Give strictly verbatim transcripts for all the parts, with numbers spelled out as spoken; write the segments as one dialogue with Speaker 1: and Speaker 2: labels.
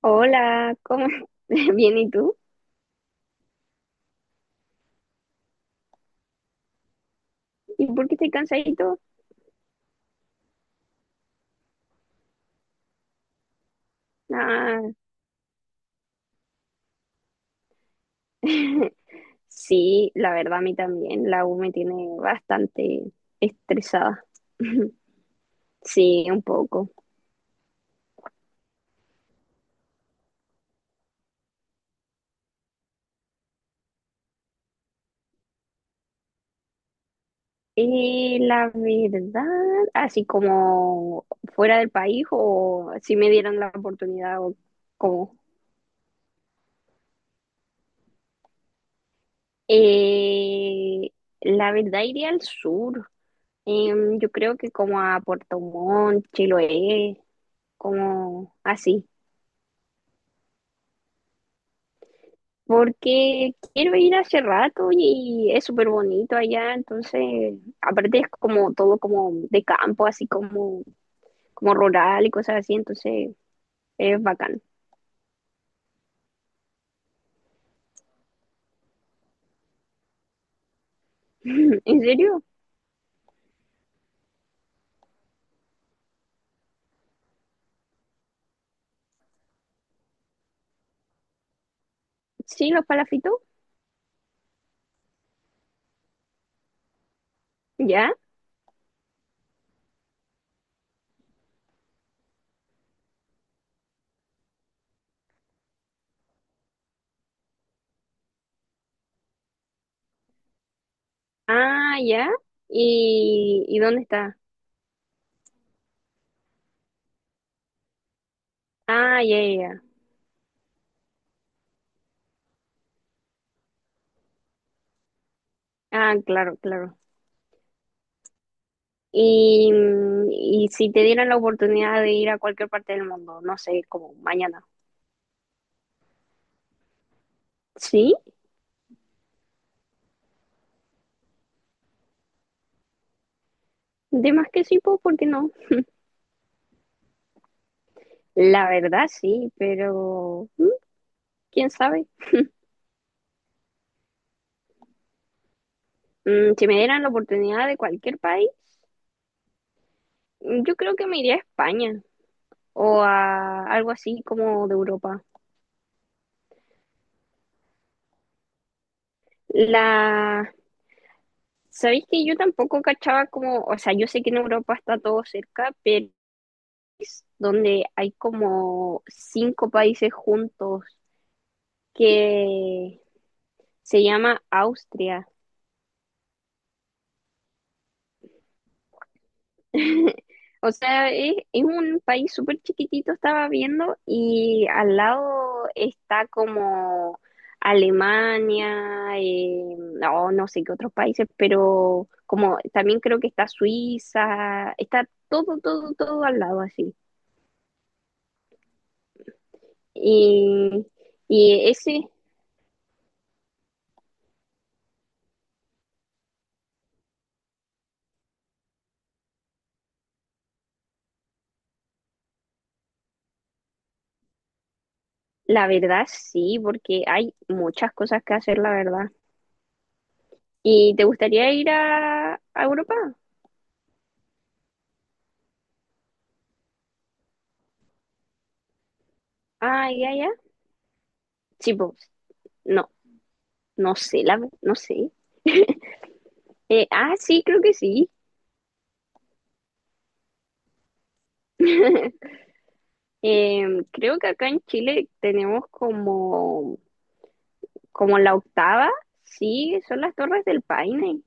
Speaker 1: Hola, ¿cómo? Bien, ¿y tú? ¿Y por qué estoy cansadito? Ah, sí, la verdad a mí también, la U me tiene bastante estresada, sí, un poco. Eh, la verdad, así como fuera del país o si me dieran la oportunidad o como... Eh, la verdad iría al sur. Em, yo creo que como a Puerto Montt, Chiloé, como así. Porque quiero ir hace rato y es súper bonito allá, entonces, aparte es como todo como de campo, así como, como rural y cosas así, entonces es bacán. ¿En serio? ¿Sí, los palafitos? ¿Ya? Ah, ya. ¿Y, y dónde está? Ah, ya, ya, ya. Ah, claro, claro. Y, mm, y si te dieran la oportunidad de ir a cualquier parte del mundo, no sé, como mañana. ¿Sí? De más que sí, pues, ¿por qué no? La verdad sí, pero mm, ¿quién sabe? Mm, si me dieran la oportunidad de cualquier país, mm, yo creo que me iría a España o a algo así como de Europa. La... ¿Sabéis que yo tampoco cachaba como, o sea, yo sé que en Europa está todo cerca, pero donde hay como cinco países juntos que se llama Austria. O sea, es, es un país súper chiquitito, estaba viendo, y al lado está como Alemania, eh, no, no sé qué otros países, pero como también creo que está Suiza, está todo, todo, todo al lado así. Y, y ese, la verdad sí, porque hay muchas cosas que hacer, la verdad. ¿Y te gustaría ir a, a Europa? Ah, ya, ya. Sí, pues, no, no sé, la, no sé. Eh, ah, sí, creo que sí. Em, creo que acá en Chile tenemos como, como la octava, sí, son las Torres del Paine.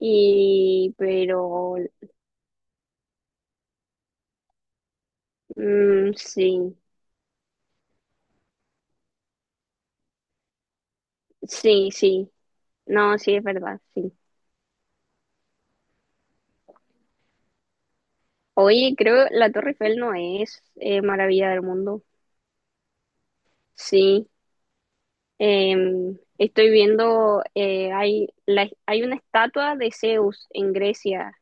Speaker 1: Y, pero, mm, sí, sí, sí, no, sí, es verdad, sí. Oye, creo que la Torre Eiffel no es eh, maravilla del mundo. Sí, em, estoy viendo, eh, hay, la- hay una estatua de Zeus en Grecia.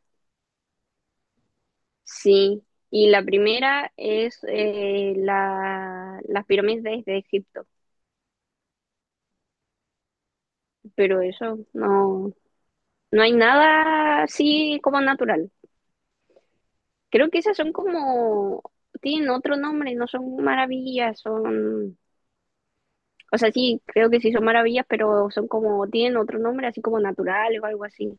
Speaker 1: Sí, y la primera es eh, la, las pirámides de Egipto, pero eso no, no hay nada así como natural. Creo que esas son como, tienen otro nombre, no son maravillas, son, o sea, sí, creo que sí son maravillas, pero son como, tienen otro nombre así como natural o algo así.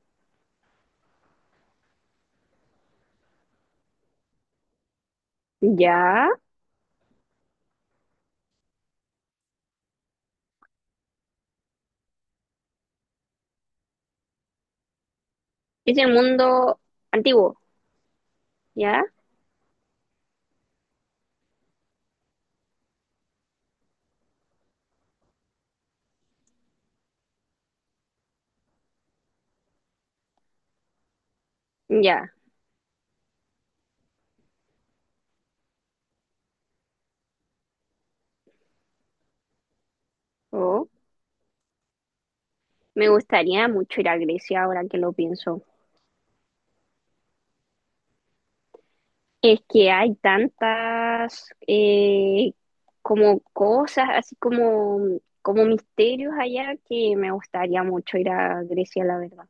Speaker 1: Ya, es el mundo antiguo, ya, ya. Oh, me gustaría mucho ir a Grecia ahora que lo pienso. Es que hay tantas eh, como cosas, así como, como misterios allá que me gustaría mucho ir a Grecia, la verdad.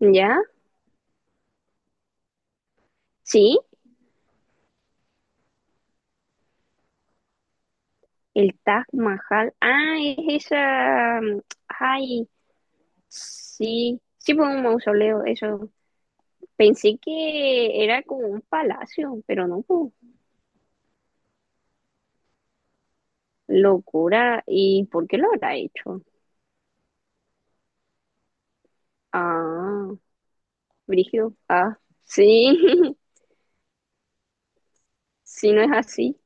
Speaker 1: ¿Ya? Sí, el Taj Mahal. Ah, es esa. Mm, ay, sí. Sí, fue un mausoleo, eso. Pensé que era como un palacio, pero no, po. Locura. ¿Y por qué lo habrá hecho? Ah, brígido. Ah, sí, si no es así.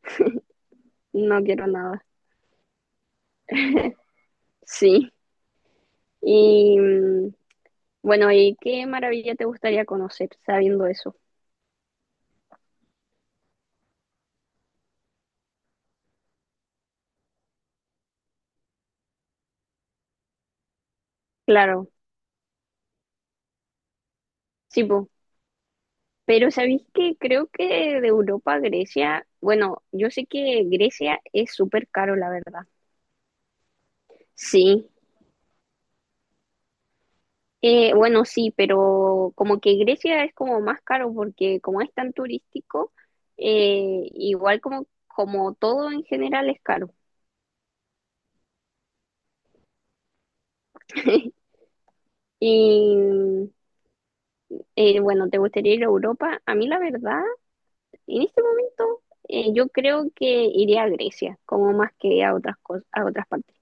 Speaker 1: No quiero nada. Sí. Y mm, bueno, ¿y qué maravilla te gustaría conocer sabiendo eso? Claro, sí, po. Pero ¿sabéis que creo que de Europa a Grecia, bueno, yo sé que Grecia es súper caro, la verdad. Sí. Eh, bueno, sí, pero como que Grecia es como más caro porque como es tan turístico, eh, igual como, como todo en general es caro. Y eh, bueno, ¿te gustaría ir a Europa? A mí la verdad en este momento, eh, yo creo que iría a Grecia, como más que a otras cosas, a otras partes.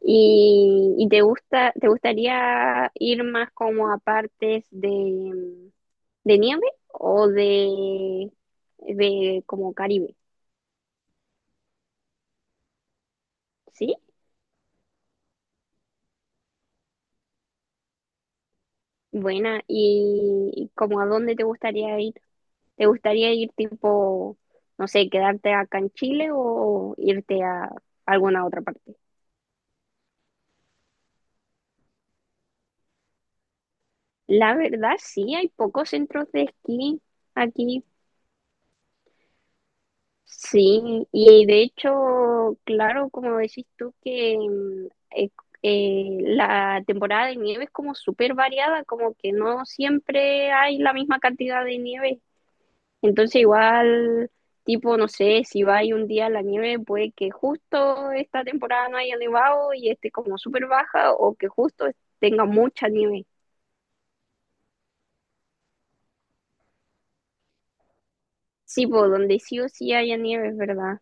Speaker 1: ¿Y, y te gusta, te gustaría ir más como a partes de, de nieve o de, de como Caribe? ¿Sí? Buena. ¿Y, y como a dónde te gustaría ir? ¿Te gustaría ir tipo, no sé, quedarte acá en Chile o irte a alguna otra parte? La verdad, sí, hay pocos centros de esquí aquí. Sí, y de hecho, claro, como decís tú, que mm, eh, eh, la temporada de nieve es como súper variada, como que no siempre hay la misma cantidad de nieve. Entonces, igual, tipo, no sé, si va ahí un día la nieve, puede que justo esta temporada no haya nevado y esté como súper baja, o que justo tenga mucha nieve. Sí, pues donde sí o sí haya nieve, es verdad.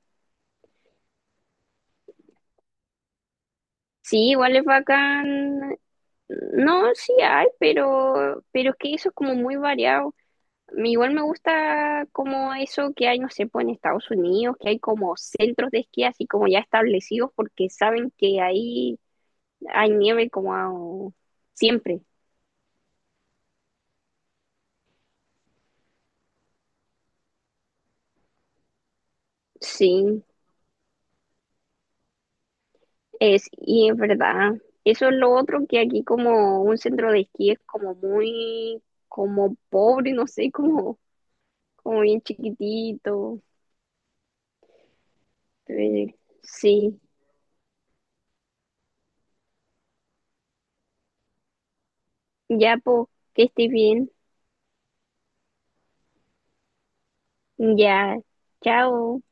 Speaker 1: Sí, igual es bacán. No, sí hay, pero, pero es que eso es como muy variado. Me igual me gusta como eso que hay, no sé, pues en Estados Unidos, que hay como centros de esquí así como ya establecidos porque saben que ahí hay nieve como a- siempre. Sí, es, y es verdad. Eso es lo otro, que aquí como un centro de esquí es como muy, como pobre, no sé, como, como bien chiquitito. Eh, Sí, ya pues, que estés bien. Ya, chao.